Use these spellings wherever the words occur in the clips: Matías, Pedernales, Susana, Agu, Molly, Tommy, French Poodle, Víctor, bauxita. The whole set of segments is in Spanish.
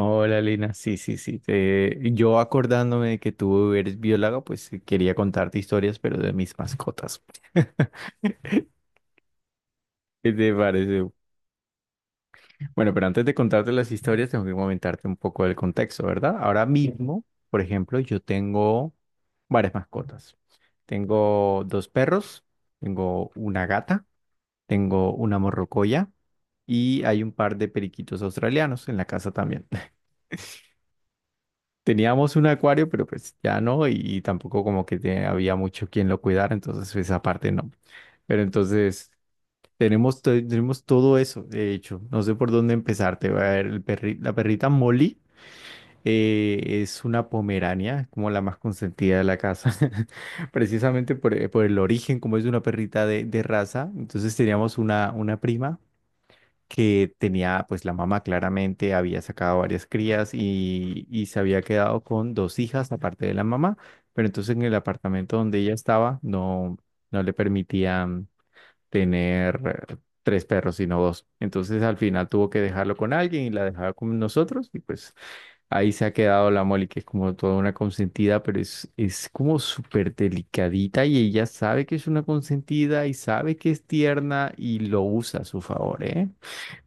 Hola, Lina. Sí, sí, sí. Yo acordándome de que tú eres bióloga, pues quería contarte historias, pero de mis mascotas. ¿Qué te parece? Bueno, pero antes de contarte las historias, tengo que comentarte un poco del contexto, ¿verdad? Ahora mismo, por ejemplo, yo tengo varias mascotas. Tengo dos perros, tengo una gata, tengo una morrocoya y hay un par de periquitos australianos en la casa también. Teníamos un acuario, pero pues ya no, y tampoco como que había mucho quien lo cuidara, entonces esa parte no. Pero entonces tenemos, tenemos todo eso, de hecho, no sé por dónde empezar. Te voy a ver, la perrita Molly es una pomerania, como la más consentida de la casa, precisamente por el origen, como es una perrita de raza. Entonces teníamos una prima que tenía, pues la mamá claramente había sacado varias crías y se había quedado con dos hijas aparte de la mamá, pero entonces en el apartamento donde ella estaba no, no le permitían tener eh, tres perros, sino dos. Entonces al final tuvo que dejarlo con alguien y la dejaba con nosotros y pues ahí se ha quedado la Molly, que es como toda una consentida, pero es como súper delicadita y ella sabe que es una consentida y sabe que es tierna y lo usa a su favor, ¿eh?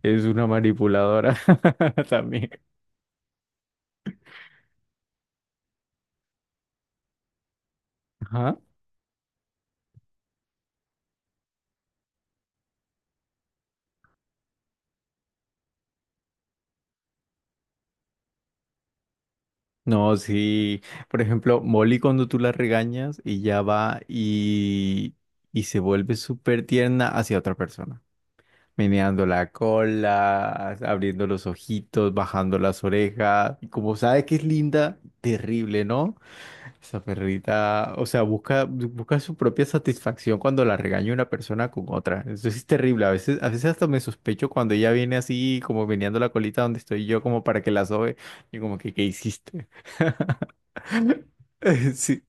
Es una manipuladora también. Ajá. No, sí. Por ejemplo, Molly cuando tú la regañas y ya va y se vuelve súper tierna hacia otra persona. Meneando la cola, abriendo los ojitos, bajando las orejas. Y como sabe que es linda, terrible, ¿no? Esa perrita, o sea, busca, busca su propia satisfacción cuando la regaña una persona con otra. Eso sí es terrible. A veces hasta me sospecho cuando ella viene así, como meneando la colita donde estoy yo, como para que la sobe. Y como que, ¿qué hiciste? Sí.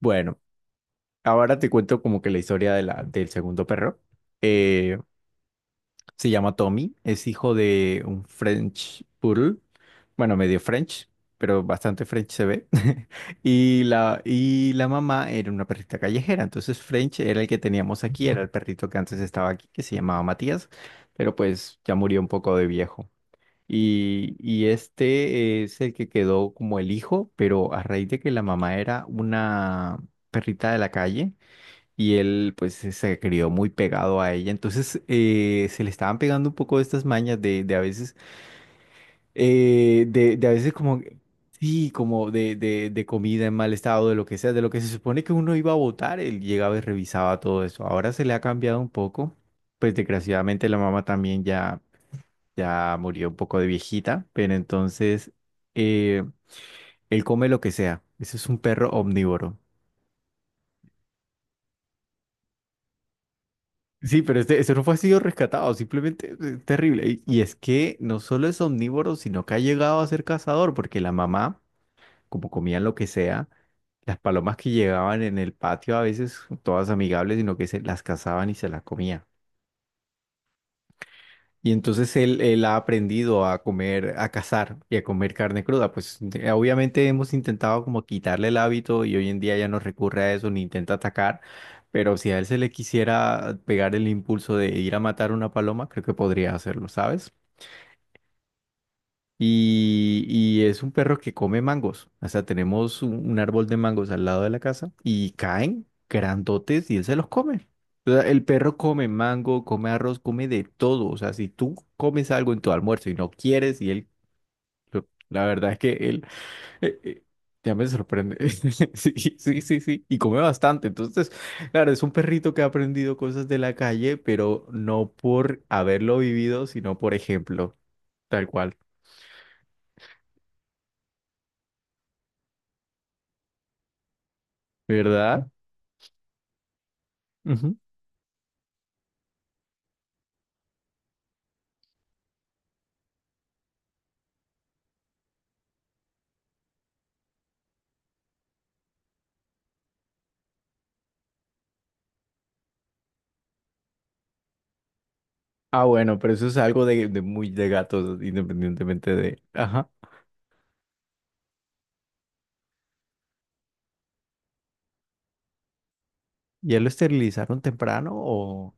Bueno, ahora te cuento como que la historia de la, del segundo perro. Eh, Se llama Tommy, es hijo de un French Poodle, bueno, medio French, pero bastante French se ve. Y la mamá era una perrita callejera, entonces French era el que teníamos aquí, era el perrito que antes estaba aquí, que se llamaba Matías, pero pues ya murió un poco de viejo. Y este es el que quedó como el hijo, pero a raíz de que la mamá era una perrita de la calle y él pues se crió muy pegado a ella. Entonces se le estaban pegando un poco estas mañas de, de a veces como, sí, como de comida en mal estado, de lo que sea, de lo que se supone que uno iba a votar, él llegaba y revisaba todo eso. Ahora se le ha cambiado un poco. Pues desgraciadamente la mamá también ya, ya murió un poco de viejita, pero entonces eh, él come lo que sea. Ese es un perro omnívoro. Sí, pero este no fue sido rescatado, simplemente terrible. Y es que no solo es omnívoro, sino que ha llegado a ser cazador, porque la mamá, como comían lo que sea, las palomas que llegaban en el patio a veces, todas amigables, sino que se las cazaban y se las comía. Y entonces él ha aprendido a comer, a cazar y a comer carne cruda. Pues obviamente hemos intentado como quitarle el hábito y hoy en día ya no recurre a eso ni intenta atacar. Pero si a él se le quisiera pegar el impulso de ir a matar una paloma, creo que podría hacerlo, ¿sabes? Y es un perro que come mangos. O sea, tenemos un árbol de mangos al lado de la casa y caen grandotes y él se los come. O sea, el perro come mango, come arroz, come de todo. O sea, si tú comes algo en tu almuerzo y no quieres, y él, la verdad es que él, eh, eh, ya me sorprende. Sí, sí, sí, sí. Y come bastante. Entonces, claro, es un perrito que ha aprendido cosas de la calle, pero no por haberlo vivido, sino por ejemplo, tal cual. ¿Verdad? Ah, bueno, pero eso es algo de muy de gatos, independientemente de... Ajá. ¿Ya lo esterilizaron temprano o...?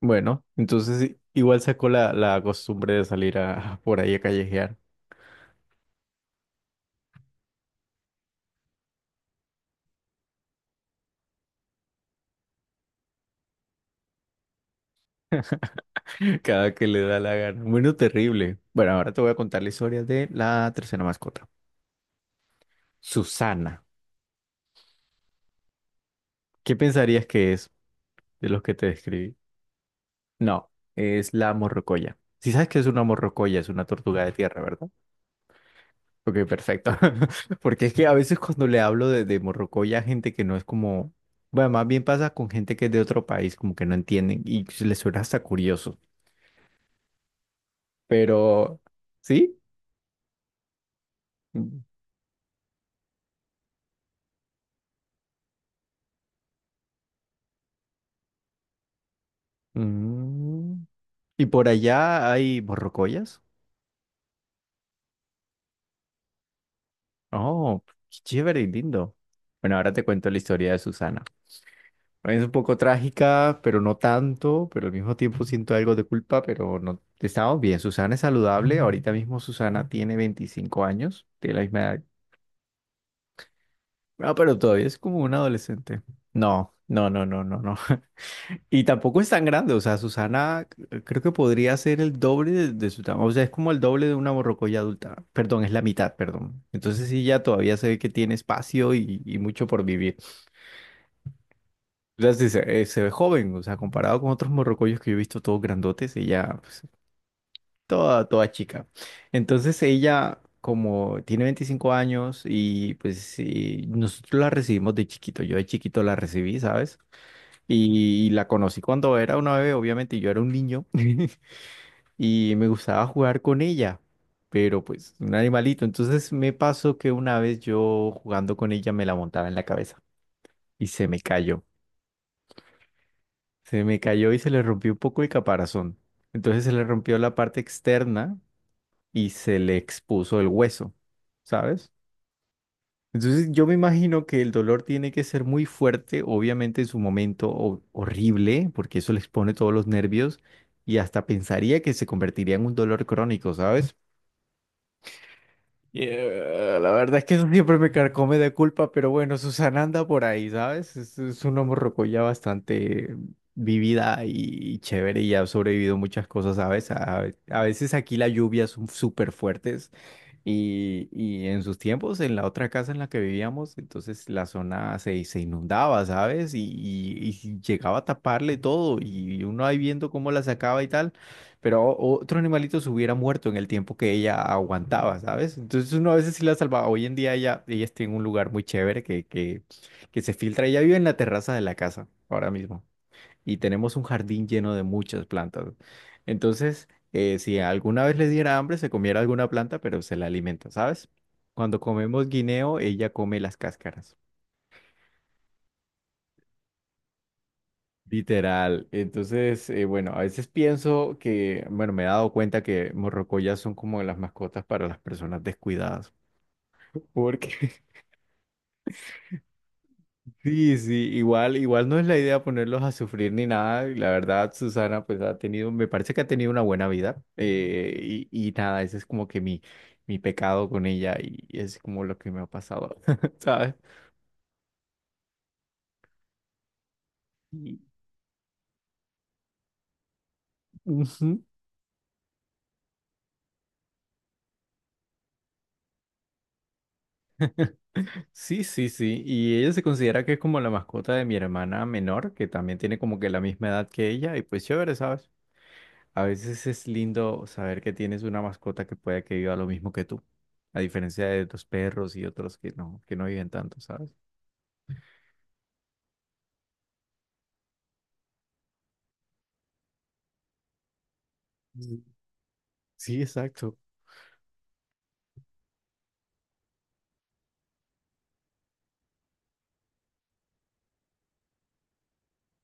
Bueno, entonces igual sacó la costumbre de salir a, por ahí a callejear cada que le da la gana. Bueno, terrible. Bueno, ahora te voy a contar la historia de la tercera mascota, Susana. ¿Qué pensarías que es de los que te describí? No, es la morrocoya. Si sabes que es una morrocoya, es una tortuga de tierra, ¿verdad? Ok, perfecto. Porque es que a veces cuando le hablo de Morrocoy a gente que no es como, bueno, más bien pasa con gente que es de otro país, como que no entienden y se les suena hasta curioso. Pero, ¿sí? Mm, mm. ¿Y por allá hay morrocoyas? Oh, qué chévere y lindo. Bueno, ahora te cuento la historia de Susana. Es un poco trágica, pero no tanto, pero al mismo tiempo siento algo de culpa, pero no estamos bien. Susana es saludable, ahorita mismo Susana tiene 25 años, tiene la misma edad. No, pero todavía es como una adolescente. No, no, no, no, no, no. Y tampoco es tan grande, o sea, Susana creo que podría ser el doble de su tamaño, o sea, es como el doble de una borrocoya adulta. Perdón, es la mitad, perdón. Entonces sí, ya todavía se ve que tiene espacio y mucho por vivir. Entonces, dice, se ve joven, o sea, comparado con otros morrocoyos que yo he visto todos grandotes, ella, pues, toda, toda chica. Entonces ella, como tiene 25 años y pues sí, nosotros la recibimos de chiquito, yo de chiquito la recibí, ¿sabes? Y la conocí cuando era una bebé, obviamente yo era un niño y me gustaba jugar con ella, pero pues un animalito. Entonces me pasó que una vez yo jugando con ella me la montaba en la cabeza y se me cayó. Se me cayó y se le rompió un poco el caparazón. Entonces se le rompió la parte externa y se le expuso el hueso, ¿sabes? Entonces yo me imagino que el dolor tiene que ser muy fuerte, obviamente en su momento horrible, porque eso le expone todos los nervios y hasta pensaría que se convertiría en un dolor crónico, ¿sabes? Yeah, la verdad es que eso siempre me carcome de culpa, pero bueno, Susana anda por ahí, ¿sabes? Es una morrocoya bastante vivida y chévere y ha sobrevivido muchas cosas, ¿sabes? A veces aquí las lluvias son súper fuertes y en sus tiempos, en la otra casa en la que vivíamos, entonces la zona se inundaba, ¿sabes? Y llegaba a taparle todo y uno ahí viendo cómo la sacaba y tal pero otro animalito se hubiera muerto en el tiempo que ella aguantaba, ¿sabes? Entonces uno a veces sí la salvaba. Hoy en día ella está en un lugar muy chévere que, que se filtra. Ella vive en la terraza de la casa ahora mismo y tenemos un jardín lleno de muchas plantas. Entonces, si alguna vez le diera hambre, se comiera alguna planta, pero se la alimenta, ¿sabes? Cuando comemos guineo, ella come las cáscaras. Literal. Entonces, bueno, a veces pienso que, bueno, me he dado cuenta que morrocoyas son como las mascotas para las personas descuidadas. Porque sí, sí, igual no es la idea ponerlos a sufrir ni nada. Y la verdad, Susana, pues ha tenido, me parece que ha tenido una buena vida. Y nada, ese es como que mi pecado con ella y es como lo que me ha pasado, ¿sabes? Y- Ujú. Sí, sí, sí. Y ella se considera que es como la mascota de mi hermana menor, que también tiene como que la misma edad que ella. Y pues chévere, ¿sabes? A veces es lindo saber que tienes una mascota que pueda que viva lo mismo que tú. A diferencia de tus perros y otros que no viven tanto, ¿sabes? Mm. Sí, exacto.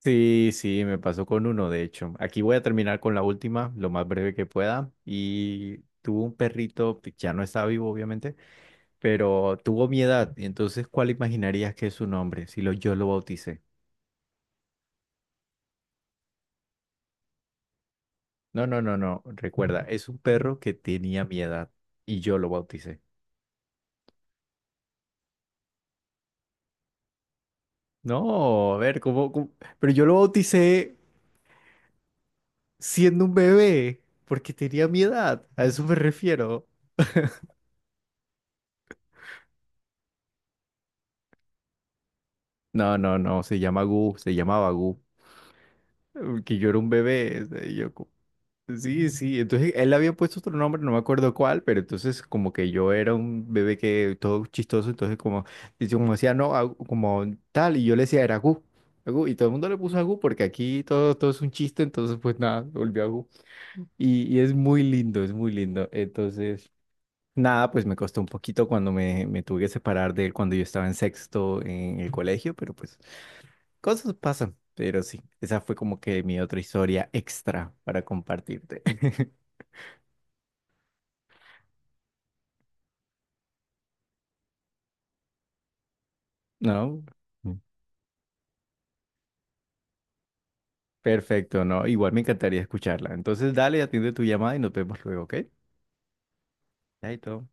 Sí, sí, me pasó con uno, de hecho. Aquí voy a terminar con la última, lo más breve que pueda. Y tuvo un perrito, que ya no está vivo, obviamente pero tuvo mi edad, y entonces, ¿cuál imaginarías que es su nombre si yo lo bauticé? No, no, no, no, recuerda, es un perro que tenía mi edad y yo lo bauticé. No, a ver, ¿cómo, cómo? Pero yo lo bauticé siendo un bebé porque tenía mi edad, a eso me refiero. No, no, no, se llama Gu, se llamaba Gu, que yo era un bebé, o sea, y yo, sí, sí, entonces él había puesto otro nombre, no me acuerdo cuál, pero entonces como que yo era un bebé que todo chistoso, entonces como, y como decía, no, Agu- como tal, y yo le decía, era Agu, Agu, y todo el mundo le puso Agu porque aquí todo, todo es un chiste, entonces pues nada, volvió Agu. Y es muy lindo, es muy lindo. Entonces, nada, pues me costó un poquito cuando me tuve que separar de él cuando yo estaba en sexto en el colegio, pero pues cosas pasan, pero sí, esa fue como que mi otra historia extra para compartirte. No. Mm. Perfecto, no, igual me encantaría escucharla. Entonces, dale, atiende tu llamada y nos vemos luego, ¿ok? Chaito.